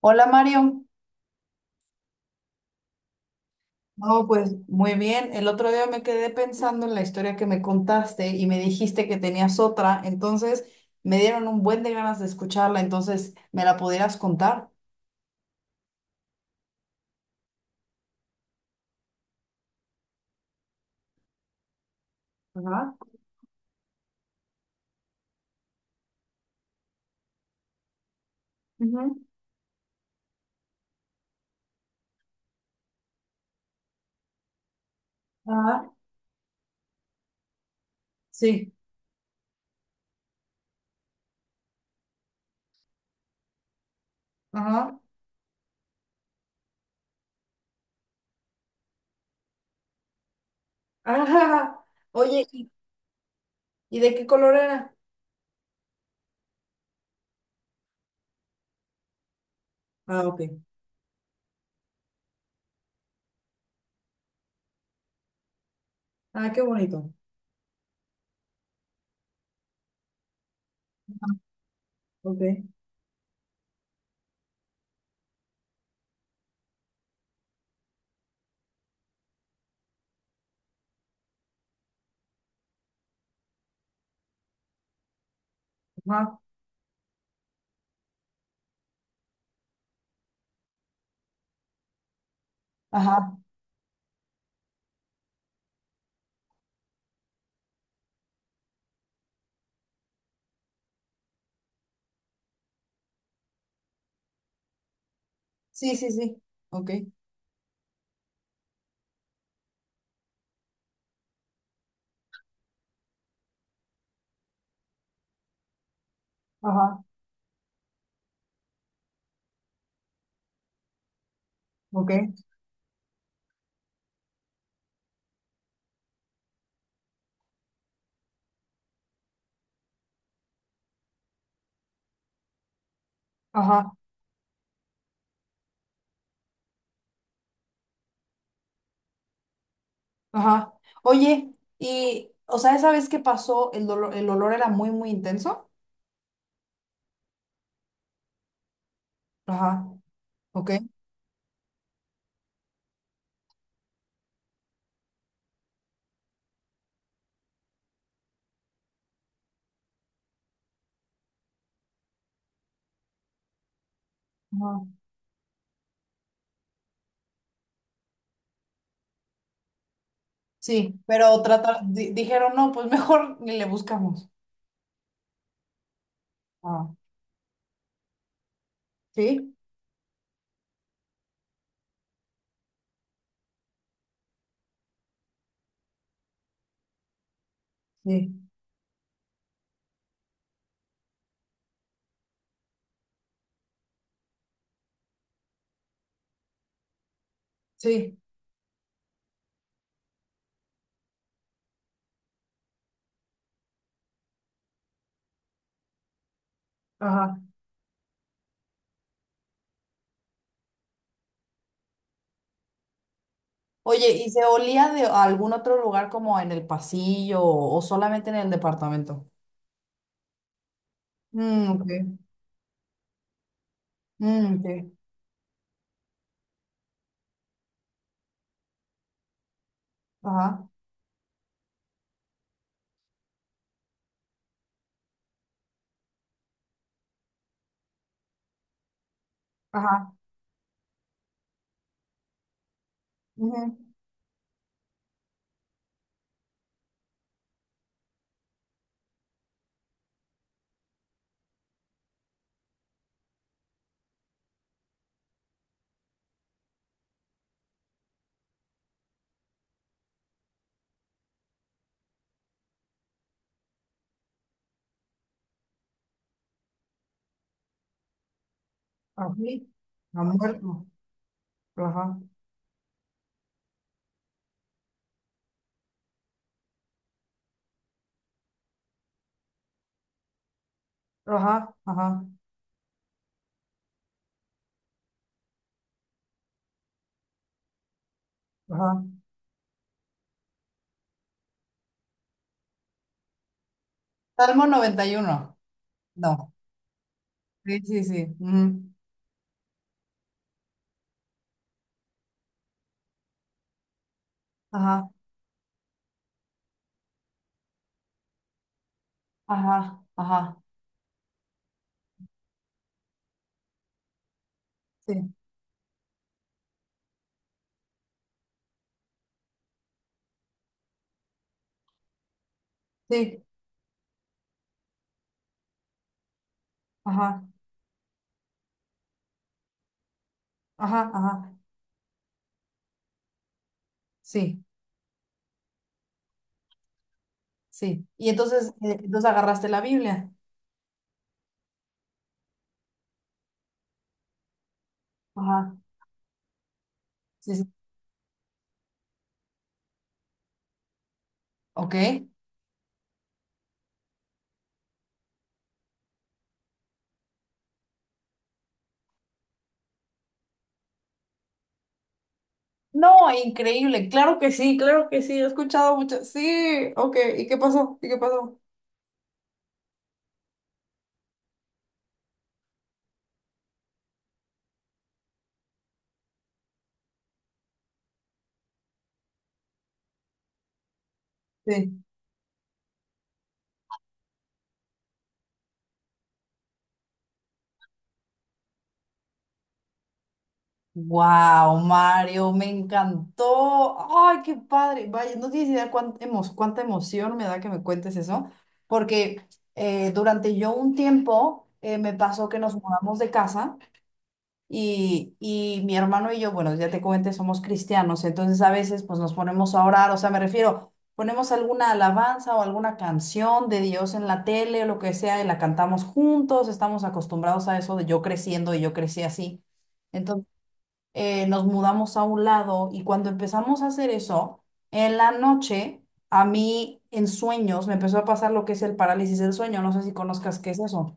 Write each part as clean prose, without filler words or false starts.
Hola Mario, no, pues muy bien. El otro día me quedé pensando en la historia que me contaste y me dijiste que tenías otra, entonces me dieron un buen de ganas de escucharla, entonces ¿me la pudieras contar? Ajá, ujú, ajá, sí, ajá, ajá. Oye, ¿y de qué color era? Ah, ok. Ah, qué bonito. Ok. Ajá. Ajá. Sí, sí, sí. Ok. Ajá. Ok. Ajá. Ajá. Oye, y, o sea, esa vez que pasó, el dolor, el olor era muy, muy intenso. Ajá. Ok. Ajá. Sí, pero trata, dijeron, no, pues mejor ni le buscamos. Ah. Sí, sí, sí. Ajá. Oye, ¿y se olía de algún otro lugar como en el pasillo o solamente en el departamento? Mm, ok. Mm, ok. Ajá. Ajá. Ujú. Así. Ha muerto. Ajá. Ajá. Ajá. Ajá. Salmo 91. No. Sí, sí, sí. Ujú. Ajá, ajá, ajá. Sí, sí, ajá, ajá, ajá. Sí, sí. Y entonces, entonces agarraste la Biblia. Ajá. Sí, sí. Ok. No, increíble. Claro que sí, claro que sí. He escuchado mucho. Sí, ok. ¿Y qué pasó? ¿Y qué pasó? Sí. Wow, Mario, me encantó. Ay, qué padre. Vaya, no tienes idea cuán cuánta emoción me da que me cuentes eso, porque durante yo un tiempo me pasó que nos mudamos de casa y mi hermano y yo, bueno, ya te comenté, somos cristianos, entonces a veces pues nos ponemos a orar, o sea, me refiero, ponemos alguna alabanza o alguna canción de Dios en la tele o lo que sea y la cantamos juntos, estamos acostumbrados a eso de yo creciendo y yo crecí así. Nos mudamos a un lado y cuando empezamos a hacer eso, en la noche, a mí en sueños me empezó a pasar lo que es el parálisis del sueño, no sé si conozcas qué es eso.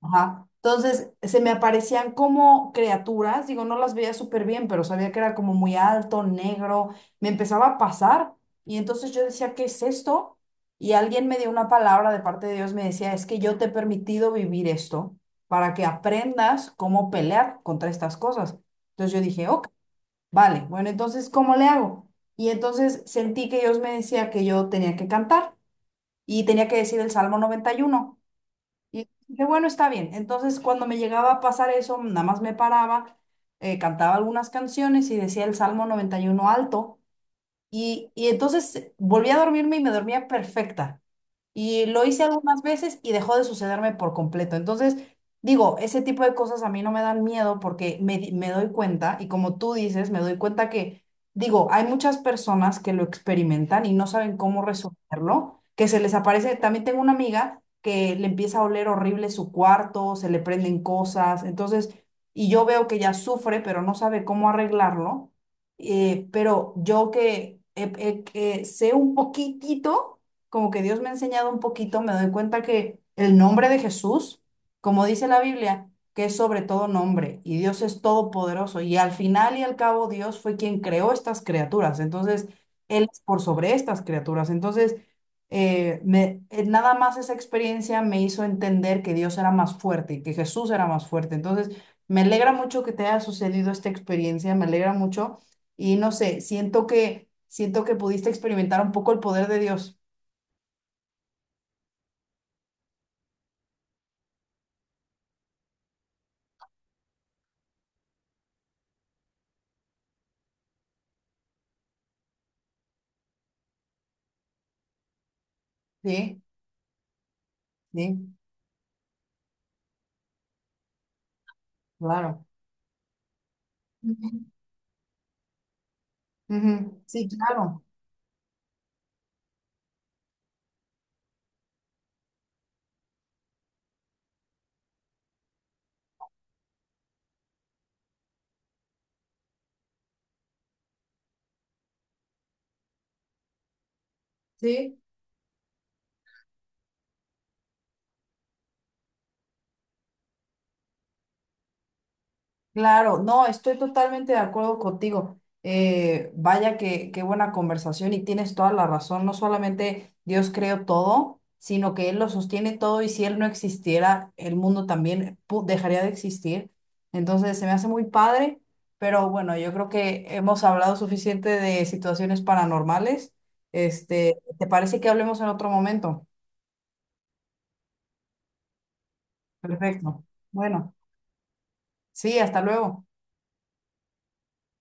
Ajá. Entonces, se me aparecían como criaturas, digo, no las veía súper bien, pero sabía que era como muy alto, negro, me empezaba a pasar y entonces yo decía, ¿qué es esto? Y alguien me dio una palabra de parte de Dios, me decía, es que yo te he permitido vivir esto para que aprendas cómo pelear contra estas cosas. Entonces yo dije, ok, vale, bueno, entonces, ¿cómo le hago? Y entonces sentí que Dios me decía que yo tenía que cantar y tenía que decir el Salmo 91, y dije, bueno, está bien. Entonces, cuando me llegaba a pasar eso, nada más me paraba, cantaba algunas canciones y decía el Salmo 91 alto. Y entonces volví a dormirme y me dormía perfecta. Y lo hice algunas veces y dejó de sucederme por completo. Entonces, digo, ese tipo de cosas a mí no me dan miedo porque me doy cuenta, y como tú dices, me doy cuenta que, digo, hay muchas personas que lo experimentan y no saben cómo resolverlo, que se les aparece, también tengo una amiga que le empieza a oler horrible su cuarto, se le prenden cosas, entonces, y yo veo que ella sufre, pero no sabe cómo arreglarlo, pero yo que sé un poquitito, como que Dios me ha enseñado un poquito, me doy cuenta que el nombre de Jesús, como dice la Biblia, que es sobre todo nombre y Dios es todopoderoso y al final y al cabo Dios fue quien creó estas criaturas, entonces Él es por sobre estas criaturas, entonces nada más esa experiencia me hizo entender que Dios era más fuerte y que Jesús era más fuerte, entonces me alegra mucho que te haya sucedido esta experiencia, me alegra mucho y no sé, siento que pudiste experimentar un poco el poder de Dios. Sí, sí, claro. Ujú. Ujú, sí, claro, sí, claro. No, estoy totalmente de acuerdo contigo. Vaya que, qué buena conversación y tienes toda la razón. No solamente Dios creó todo, sino que Él lo sostiene todo y si Él no existiera, el mundo también dejaría de existir. Entonces, se me hace muy padre, pero bueno, yo creo que hemos hablado suficiente de situaciones paranormales. Este, ¿te parece que hablemos en otro momento? Perfecto. Bueno. Sí, hasta luego.